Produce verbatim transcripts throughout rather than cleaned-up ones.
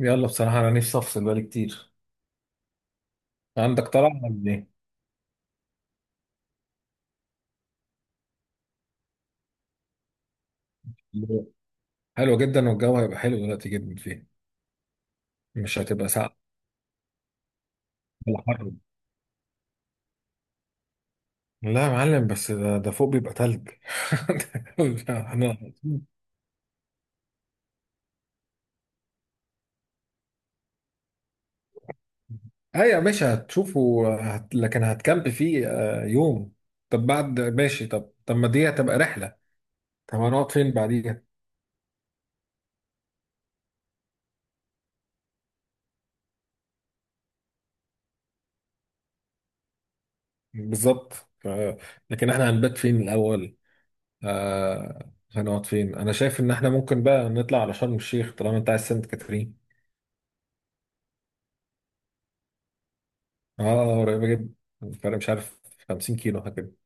يلا، بصراحة أنا نفسي أفصل بقالي كتير. عندك طلعة ولا إيه؟ حلو جدا، والجو هيبقى حلو دلوقتي جدا فيه. مش هتبقى ساقعة ولا حر. لا يا معلم، بس ده, ده فوق بيبقى تلج. احنا أيوة ماشي هتشوفه هت... لكن هتكامب فيه آه، يوم. طب بعد ماشي، طب طب ما دي هتبقى رحلة. طب هنقعد فين بعديها؟ بالظبط. ف... لكن احنا هنبات فين الأول؟ آه هنقعد فين؟ انا شايف ان احنا ممكن بقى نطلع على شرم الشيخ طالما انت عايز سانت كاترين. اه، آه، قريبه جدا. الفرق مش عارف، خمسين كيلو حاجه كده.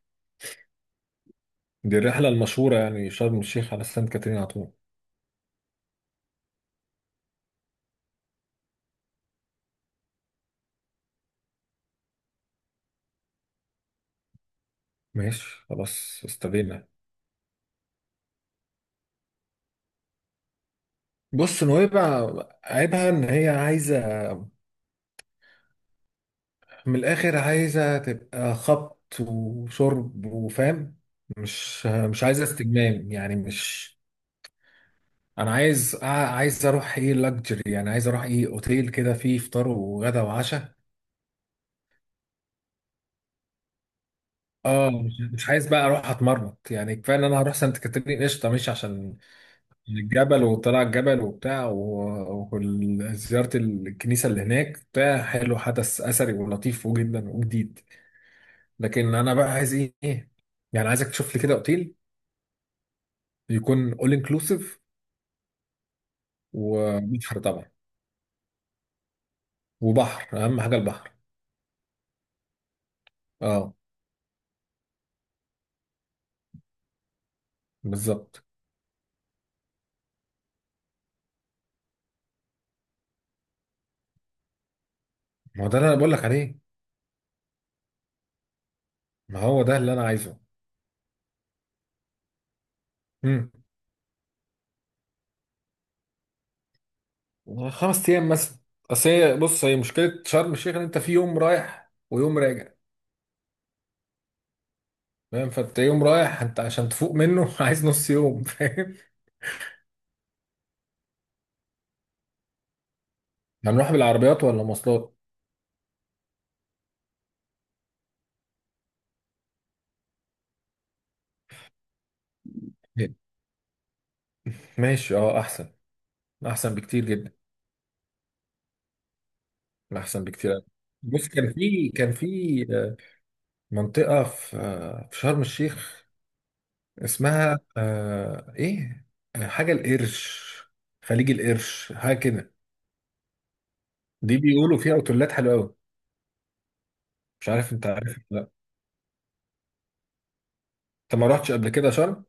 دي الرحله المشهوره، يعني شرم الشيخ على سانت كاترين على طول. ماشي، خلاص استبينا. بص نويبع، عيبها ان هي عايزه، من الاخر عايزه تبقى خبط وشرب وفاهم. مش مش عايزه استجمام، يعني مش. انا عايز آه، عايز اروح ايه لاكجري، يعني عايز اروح ايه اوتيل كده فيه فطار وغدا وعشاء. اه، مش مش عايز بقى اروح اتمرمط. يعني كفايه ان انا هروح سانت كاترين قشطه، ماشي، عشان الجبل وطلع الجبل وبتاع و- وزياره الكنيسه اللي هناك بتاع، حلو، حدث اثري ولطيف جدا وجديد. لكن انا بقى عايز ايه إيه؟ يعني عايزك تشوف لي كده اوتيل يكون اول انكلوسيف. وبحر طبعا. وبحر اهم حاجه البحر. اه بالظبط. ما هو ده اللي انا بقول لك عليه. ما هو ده اللي انا عايزه. خمس ايام مثلا. اصل هي، بص هي مشكله شرم الشيخ، ان انت في يوم رايح ويوم راجع، فاهم. فانت يوم رايح انت عشان تفوق منه عايز نص يوم، فاهم. هنروح بالعربيات ولا مواصلات؟ ماشي، اه احسن، احسن بكتير جدا، احسن بكتير أوي. بص، كان في كان في آه، منطقه في آه، في شرم الشيخ، اسمها آه، ايه، آه، حاجه القرش، خليج القرش حاجه كده. دي بيقولوا فيها اوتيلات حلوه قوي. مش عارف، انت عارف ولا لا. انت ما رحتش قبل كده شرم؟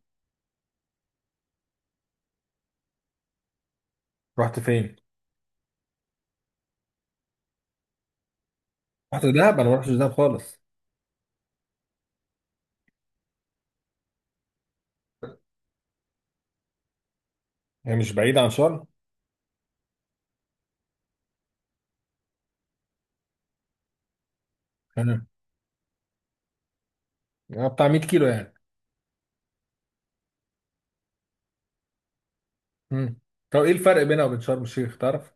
رحت فين؟ رحت دهب؟ انا ما رحتش دهب خالص. هي مش بعيدة عن شرم؟ تمام، يعني بتاع مية كيلو يعني. امم. طب ايه الفرق بينها وبين شرم الشيخ تعرف؟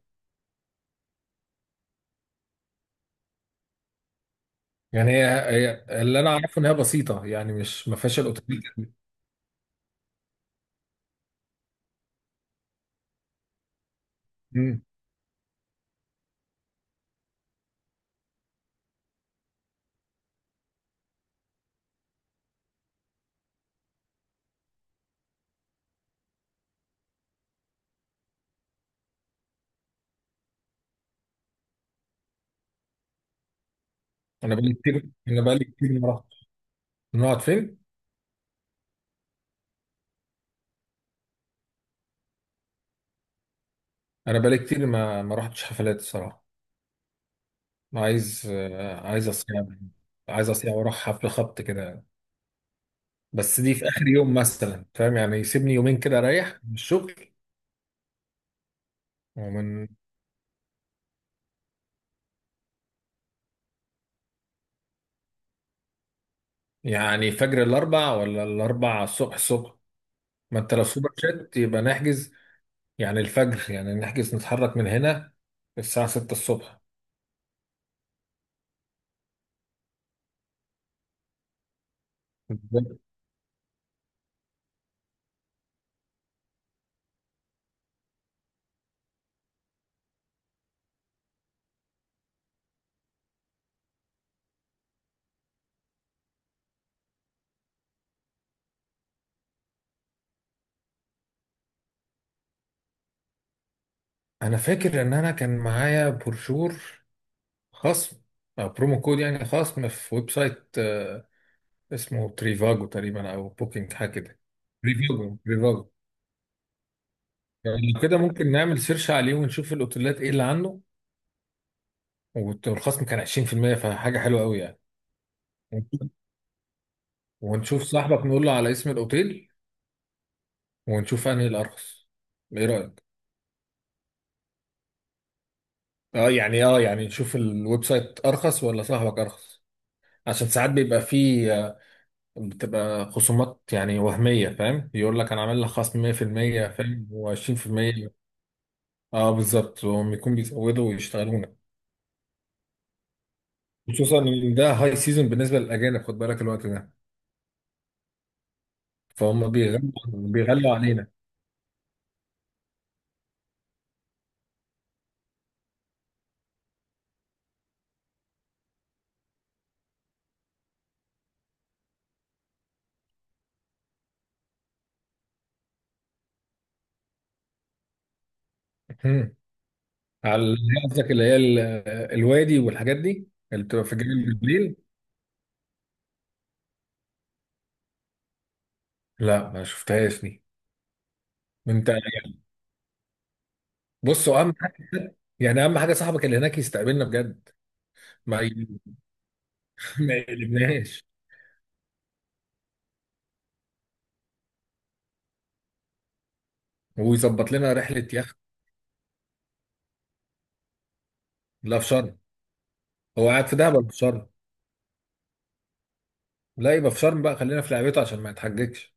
يعني هي, هي اللي انا اعرفه ان هي بسيطة، يعني مش ما فيهاش الاوتيل. امم. انا بقالي كتير انا بقالي كتير ما رحتش. نقعد فين؟ انا بقالي كتير ما ما رحتش حفلات الصراحة. عايز آه، عايز اصيع، عايز اصيع واروح حفل خبط كده. بس دي في اخر يوم مثلا، فاهم؟ يعني يسيبني يومين كده اريح من الشغل. ومن، يعني فجر الاربع ولا الاربع الصبح؟ الصبح. ما انت لو سوبر جيت يبقى نحجز. يعني الفجر، يعني نحجز نتحرك من هنا الساعة ستة الصبح. انا فاكر ان انا كان معايا بروشور، خصم او برومو كود، يعني خصم في ويب سايت آه، اسمه تريفاجو تقريبا او بوكينج حاجه كده. تريفاجو، تريفاجو. يعني لو كده ممكن نعمل سيرش عليه ونشوف الاوتيلات ايه اللي عنده. والت- والخصم كان عشرين في المية، فحاجه حلوه قوي يعني. ونشوف ونشوف صاحبك نقول له على اسم الاوتيل، ونشوف انهي الارخص. ايه رايك؟ اه يعني اه يعني نشوف الويب سايت ارخص ولا صاحبك ارخص. عشان ساعات بيبقى فيه آه، بتبقى خصومات يعني وهميه، فاهم، يقول لك انا عامل لك خصم مية في المية، فاهم، و20%. اه بالظبط، وهم يكون بيزودوا ويشتغلونا. خصوصا ان ده هاي سيزون بالنسبه للاجانب، خد بالك الوقت ده. فهم بيغلوا بيغلوا علينا. هم. على، قصدك اللي هي ال- آه، الوادي والحاجات دي اللي بتبقى في الجبل بالليل؟ لا ما شفتهاش دي. انت، بصوا اهم حاجه، يعني اهم حاجه صاحبك اللي هناك يستقبلنا بجد. ما ي- ما يقلبناش. ويظبط لنا رحله يخت. لا، في شرم. هو قاعد في دهب ولا في شرم؟ لا، يبقى في شرم بقى، خلينا في لعبته عشان ما يتحججش.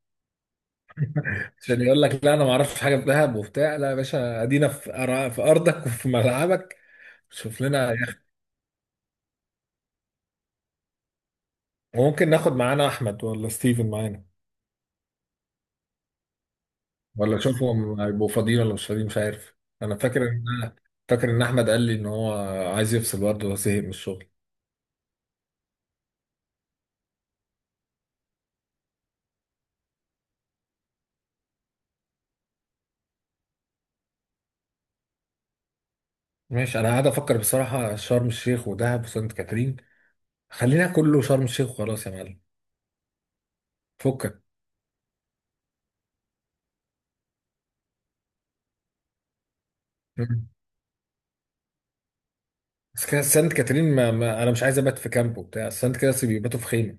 عشان يقول لك لا انا ما اعرفش حاجه في دهب وبتاع، لا يا باشا، ادينا في أرا- في ارضك وفي ملعبك. شوف لنا يخت. وممكن ناخد معانا احمد ولا ستيفن معانا؟ ولا شوفهم هيبقوا فاضيين ولا مش فاضيين، مش عارف. انا فاكر ان انا فاكر ان احمد قال لي ان هو عايز يفصل برضه وزهق من الشغل. ماشي، انا قاعد افكر بصراحه شرم الشيخ ودهب وسانت كاترين. خلينا كله شرم الشيخ وخلاص يا معلم. فكك. مم. بس كده سانت كاترين، ما, ما انا مش عايز ابات في كامب وبتاع، سانت كاترين بيباتوا في خيمه.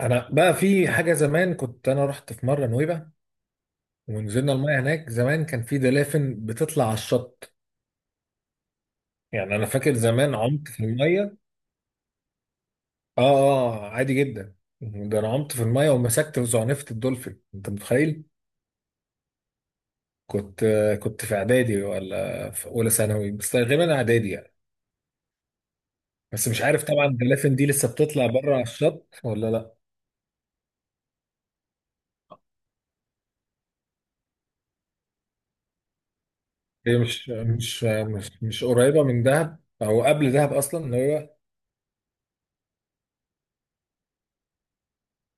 انا بقى في حاجه زمان، كنت انا رحت في مره نويبع، ونزلنا المايه هناك، زمان كان في دلافن بتطلع على الشط. يعني انا فاكر زمان عمت في المايه. اه، اه، عادي جدا. ده انا عمت في المايه ومسكت وزعنفت الدولفين، انت متخيل؟ كنت كنت في اعدادي ولا في اولى ثانوي، بس غالبا اعدادي يعني. بس مش عارف طبعا الدلافين دي لسه بتطلع بره على الشط ولا لا. هي مش مش مش مش قريبه من دهب او قبل دهب اصلا اللي هو.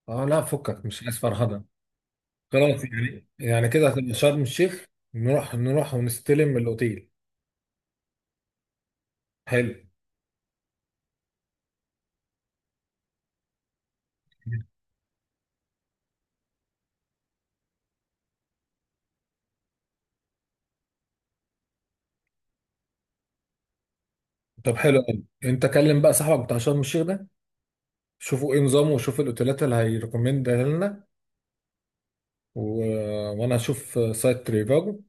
اه لا، فكك، مش عايز فرهده. خلاص، يعني يعني كده هتبقى شرم الشيخ. نروح نروح ونستلم الاوتيل. حلو. طب حلو قوي، انت كلم بقى صاحبك بتاع شرم الشيخ ده، شوفوا ايه نظامه وشوف الاوتيلات اللي هيريكومند لنا. و... وانا هشوف سايت تريفاجو.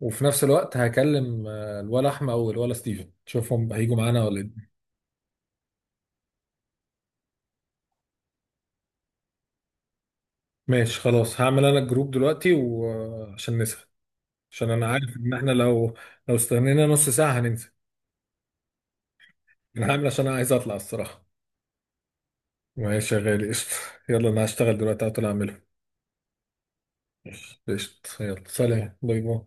وفي نفس الوقت هكلم آه، الولا احمد او الولا ستيفن، شوفهم هيجوا معانا ولا ايه. ماشي خلاص، هعمل انا الجروب دلوقتي وعشان نسهل، عشان انا عارف ان احنا لو لو استنينا نص ساعة هننسى. انا هعمل عشان انا عايز اطلع الصراحة. ماشي يا غالي، قشطة. يلا، انا هشتغل دلوقتي هطلع اعمله. قشطة، يلا، سلام باي باي.